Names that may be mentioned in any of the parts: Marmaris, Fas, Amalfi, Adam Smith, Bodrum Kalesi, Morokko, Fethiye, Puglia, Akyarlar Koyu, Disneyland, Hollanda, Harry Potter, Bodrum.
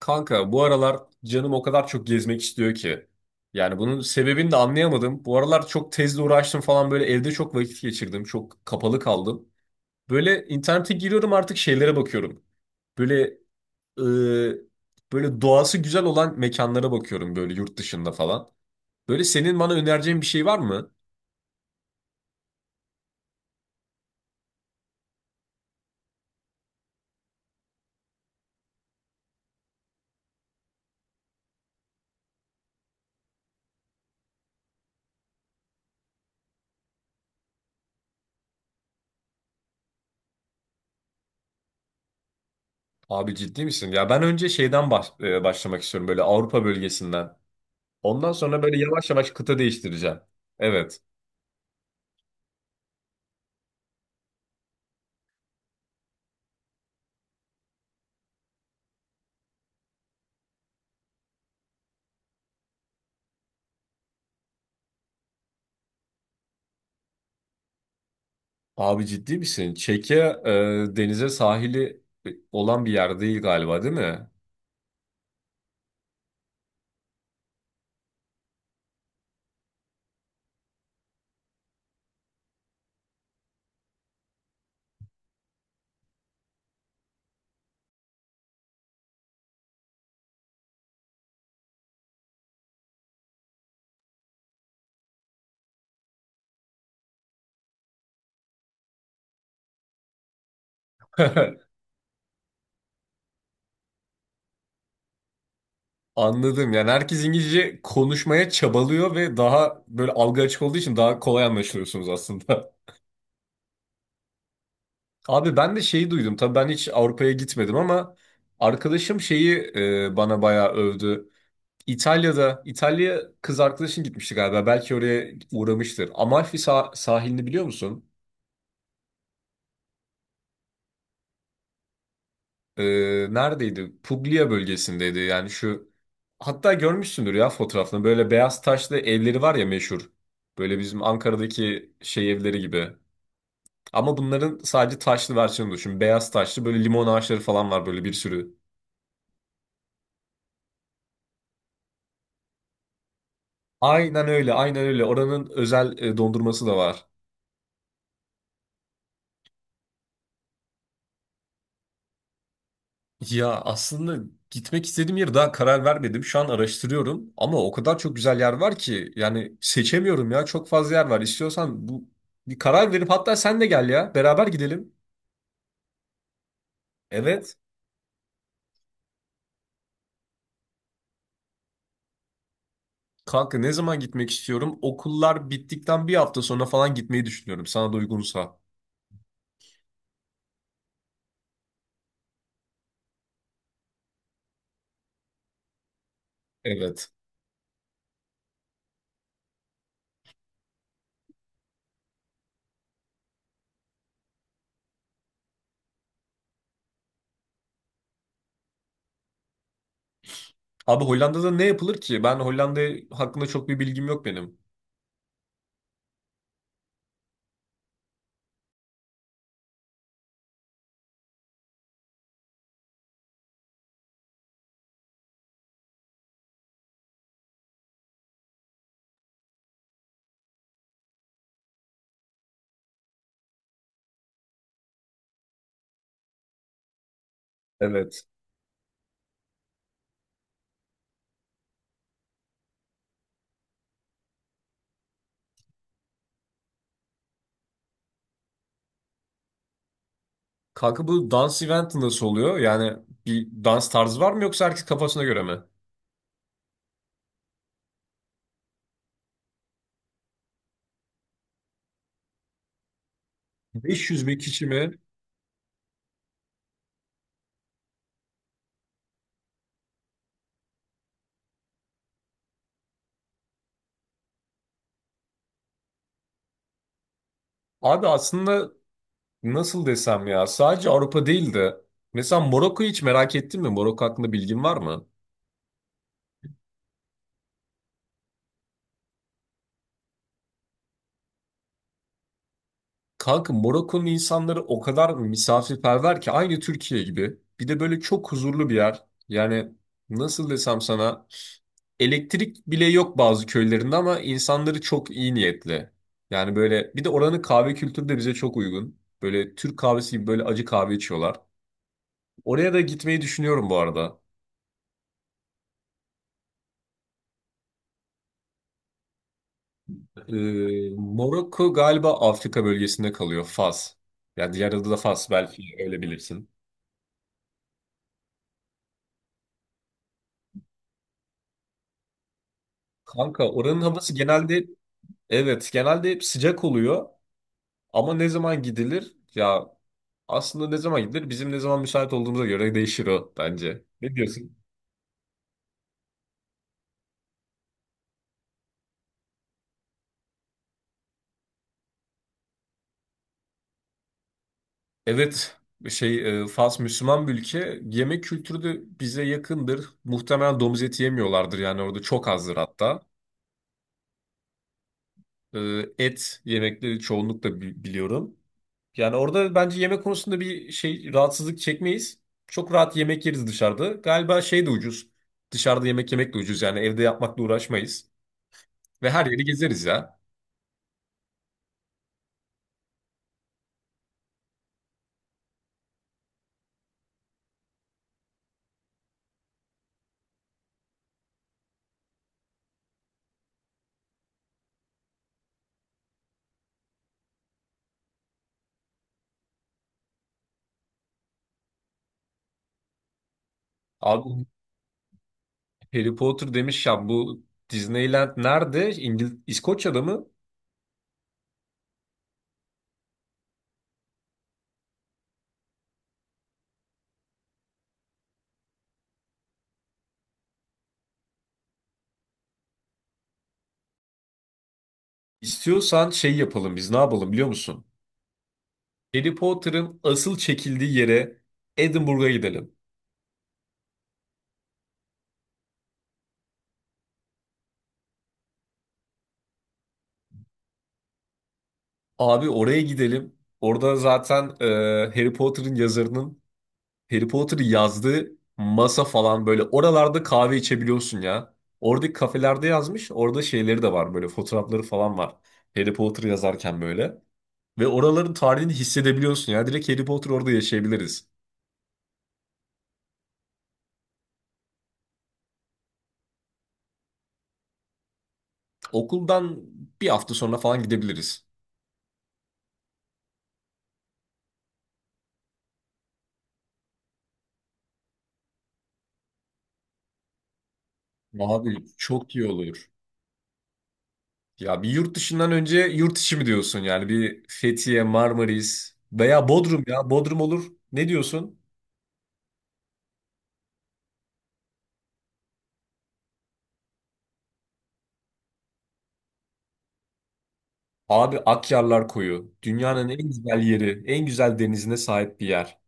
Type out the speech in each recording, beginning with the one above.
Kanka bu aralar canım o kadar çok gezmek istiyor ki. Yani bunun sebebini de anlayamadım. Bu aralar çok tezle uğraştım falan, böyle evde çok vakit geçirdim. Çok kapalı kaldım. Böyle internete giriyorum artık, şeylere bakıyorum. Böyle e, Böyle doğası güzel olan mekanlara bakıyorum, böyle yurt dışında falan. Böyle senin bana önereceğin bir şey var mı? Abi ciddi misin? Ya ben önce başlamak istiyorum, böyle Avrupa bölgesinden. Ondan sonra böyle yavaş yavaş kıta değiştireceğim. Evet. Abi ciddi misin? Denize sahili olan bir yer değil galiba, değil mi? Anladım. Yani herkes İngilizce konuşmaya çabalıyor ve daha böyle algı açık olduğu için daha kolay anlaşılıyorsunuz aslında. Abi ben de şeyi duydum. Tabii ben hiç Avrupa'ya gitmedim ama arkadaşım bana bayağı övdü. İtalya'da, İtalya kız arkadaşın gitmişti galiba. Belki oraya uğramıştır. Amalfi sahilini biliyor musun? e, Neredeydi? Puglia bölgesindeydi. Yani şu, hatta görmüşsündür ya fotoğrafını. Böyle beyaz taşlı evleri var ya, meşhur. Böyle bizim Ankara'daki şey evleri gibi. Ama bunların sadece taşlı versiyonu düşün. Beyaz taşlı, böyle limon ağaçları falan var böyle, bir sürü. Aynen öyle, aynen öyle. Oranın özel dondurması da var. Ya aslında gitmek istediğim yeri daha karar vermedim. Şu an araştırıyorum ama o kadar çok güzel yer var ki, yani seçemiyorum ya. Çok fazla yer var. İstiyorsan bu, bir karar verip hatta sen de gel ya. Beraber gidelim. Evet. Kanka ne zaman gitmek istiyorum? Okullar bittikten bir hafta sonra falan gitmeyi düşünüyorum. Sana da uygunsa. Evet. Abi Hollanda'da ne yapılır ki? Ben Hollanda hakkında çok bir bilgim yok benim. Evet. Kanka bu dans eventi nasıl oluyor? Yani bir dans tarzı var mı, yoksa herkes kafasına göre mi? 500 bin kişi mi? Abi aslında nasıl desem ya, sadece Avrupa değil de mesela Morokko'yu hiç merak ettin mi? Morokko hakkında bilgin var mı? Kanka Morokko'nun insanları o kadar misafirperver ki, aynı Türkiye gibi. Bir de böyle çok huzurlu bir yer. Yani nasıl desem sana, elektrik bile yok bazı köylerinde ama insanları çok iyi niyetli. Yani böyle, bir de oranın kahve kültürü de bize çok uygun. Böyle Türk kahvesi gibi, böyle acı kahve içiyorlar. Oraya da gitmeyi düşünüyorum bu arada. Morokko galiba Afrika bölgesinde kalıyor. Fas. Yani diğer adı da Fas, belki öyle bilirsin. Kanka oranın havası genelde, evet genelde hep sıcak oluyor. Ama ne zaman gidilir? Ya aslında ne zaman gidilir? Bizim ne zaman müsait olduğumuza göre değişir o, bence. Ne diyorsun? Evet, Fas Müslüman bir ülke. Yemek kültürü de bize yakındır. Muhtemelen domuz eti yemiyorlardır, yani orada çok azdır hatta. Et yemekleri çoğunlukla biliyorum. Yani orada bence yemek konusunda bir şey, rahatsızlık çekmeyiz. Çok rahat yemek yeriz dışarıda. Galiba şey de ucuz. Dışarıda yemek yemek de ucuz, yani evde yapmakla uğraşmayız. Ve her yeri gezeriz ya. Abi Harry Potter demiş ya, bu Disneyland nerede? İngil İskoçya'da mı? İstiyorsan şey yapalım, biz ne yapalım biliyor musun? Harry Potter'ın asıl çekildiği yere, Edinburgh'a gidelim. Abi oraya gidelim. Orada zaten Harry Potter'ın yazarının, Harry Potter'ı yazdığı masa falan, böyle oralarda kahve içebiliyorsun ya. Oradaki kafelerde yazmış. Orada şeyleri de var, böyle fotoğrafları falan var. Harry Potter yazarken böyle. Ve oraların tarihini hissedebiliyorsun ya. Direkt Harry Potter orada yaşayabiliriz. Okuldan bir hafta sonra falan gidebiliriz. Abi çok iyi olur. Ya bir yurt dışından önce yurt içi mi diyorsun? Yani bir Fethiye, Marmaris veya Bodrum, ya Bodrum olur. Ne diyorsun? Abi Akyarlar Koyu. Dünyanın en güzel yeri, en güzel denizine sahip bir yer.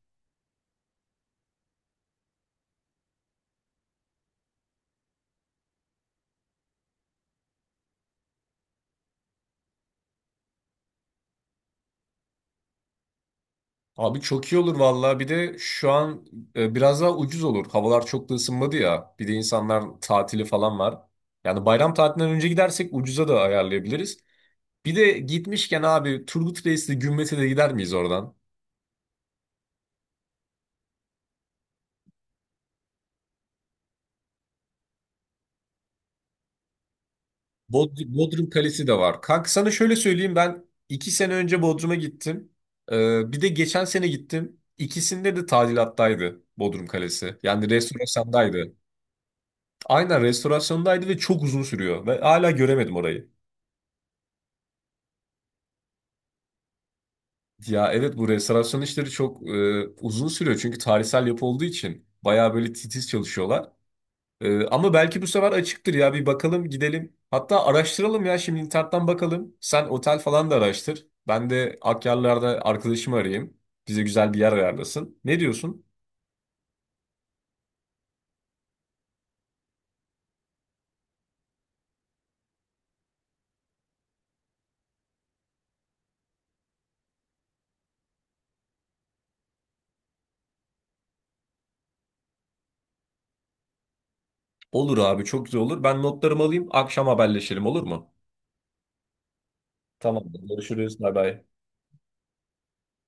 Abi çok iyi olur vallahi. Bir de şu an biraz daha ucuz olur. Havalar çok da ısınmadı ya. Bir de insanlar tatili falan var. Yani bayram tatilinden önce gidersek ucuza da ayarlayabiliriz. Bir de gitmişken abi, Turgut Reis'le Gümbet'e de gider miyiz oradan? Bodrum Kalesi de var. Kanka sana şöyle söyleyeyim, ben iki sene önce Bodrum'a gittim. Bir de geçen sene gittim. İkisinde de tadilattaydı Bodrum Kalesi. Yani restorasyondaydı. Aynen, restorasyondaydı ve çok uzun sürüyor. Ve hala göremedim orayı. Ya evet, bu restorasyon işleri çok uzun sürüyor. Çünkü tarihsel yapı olduğu için bayağı böyle titiz çalışıyorlar. Ama belki bu sefer açıktır ya, bir bakalım gidelim. Hatta araştıralım ya, şimdi internetten bakalım. Sen otel falan da araştır. Ben de Akyarlar'da arkadaşımı arayayım. Bize güzel bir yer ayarlasın. Ne diyorsun? Olur abi, çok güzel olur. Ben notlarımı alayım, akşam haberleşelim olur mu? Tamamdır. Görüşürüz. Bay bay.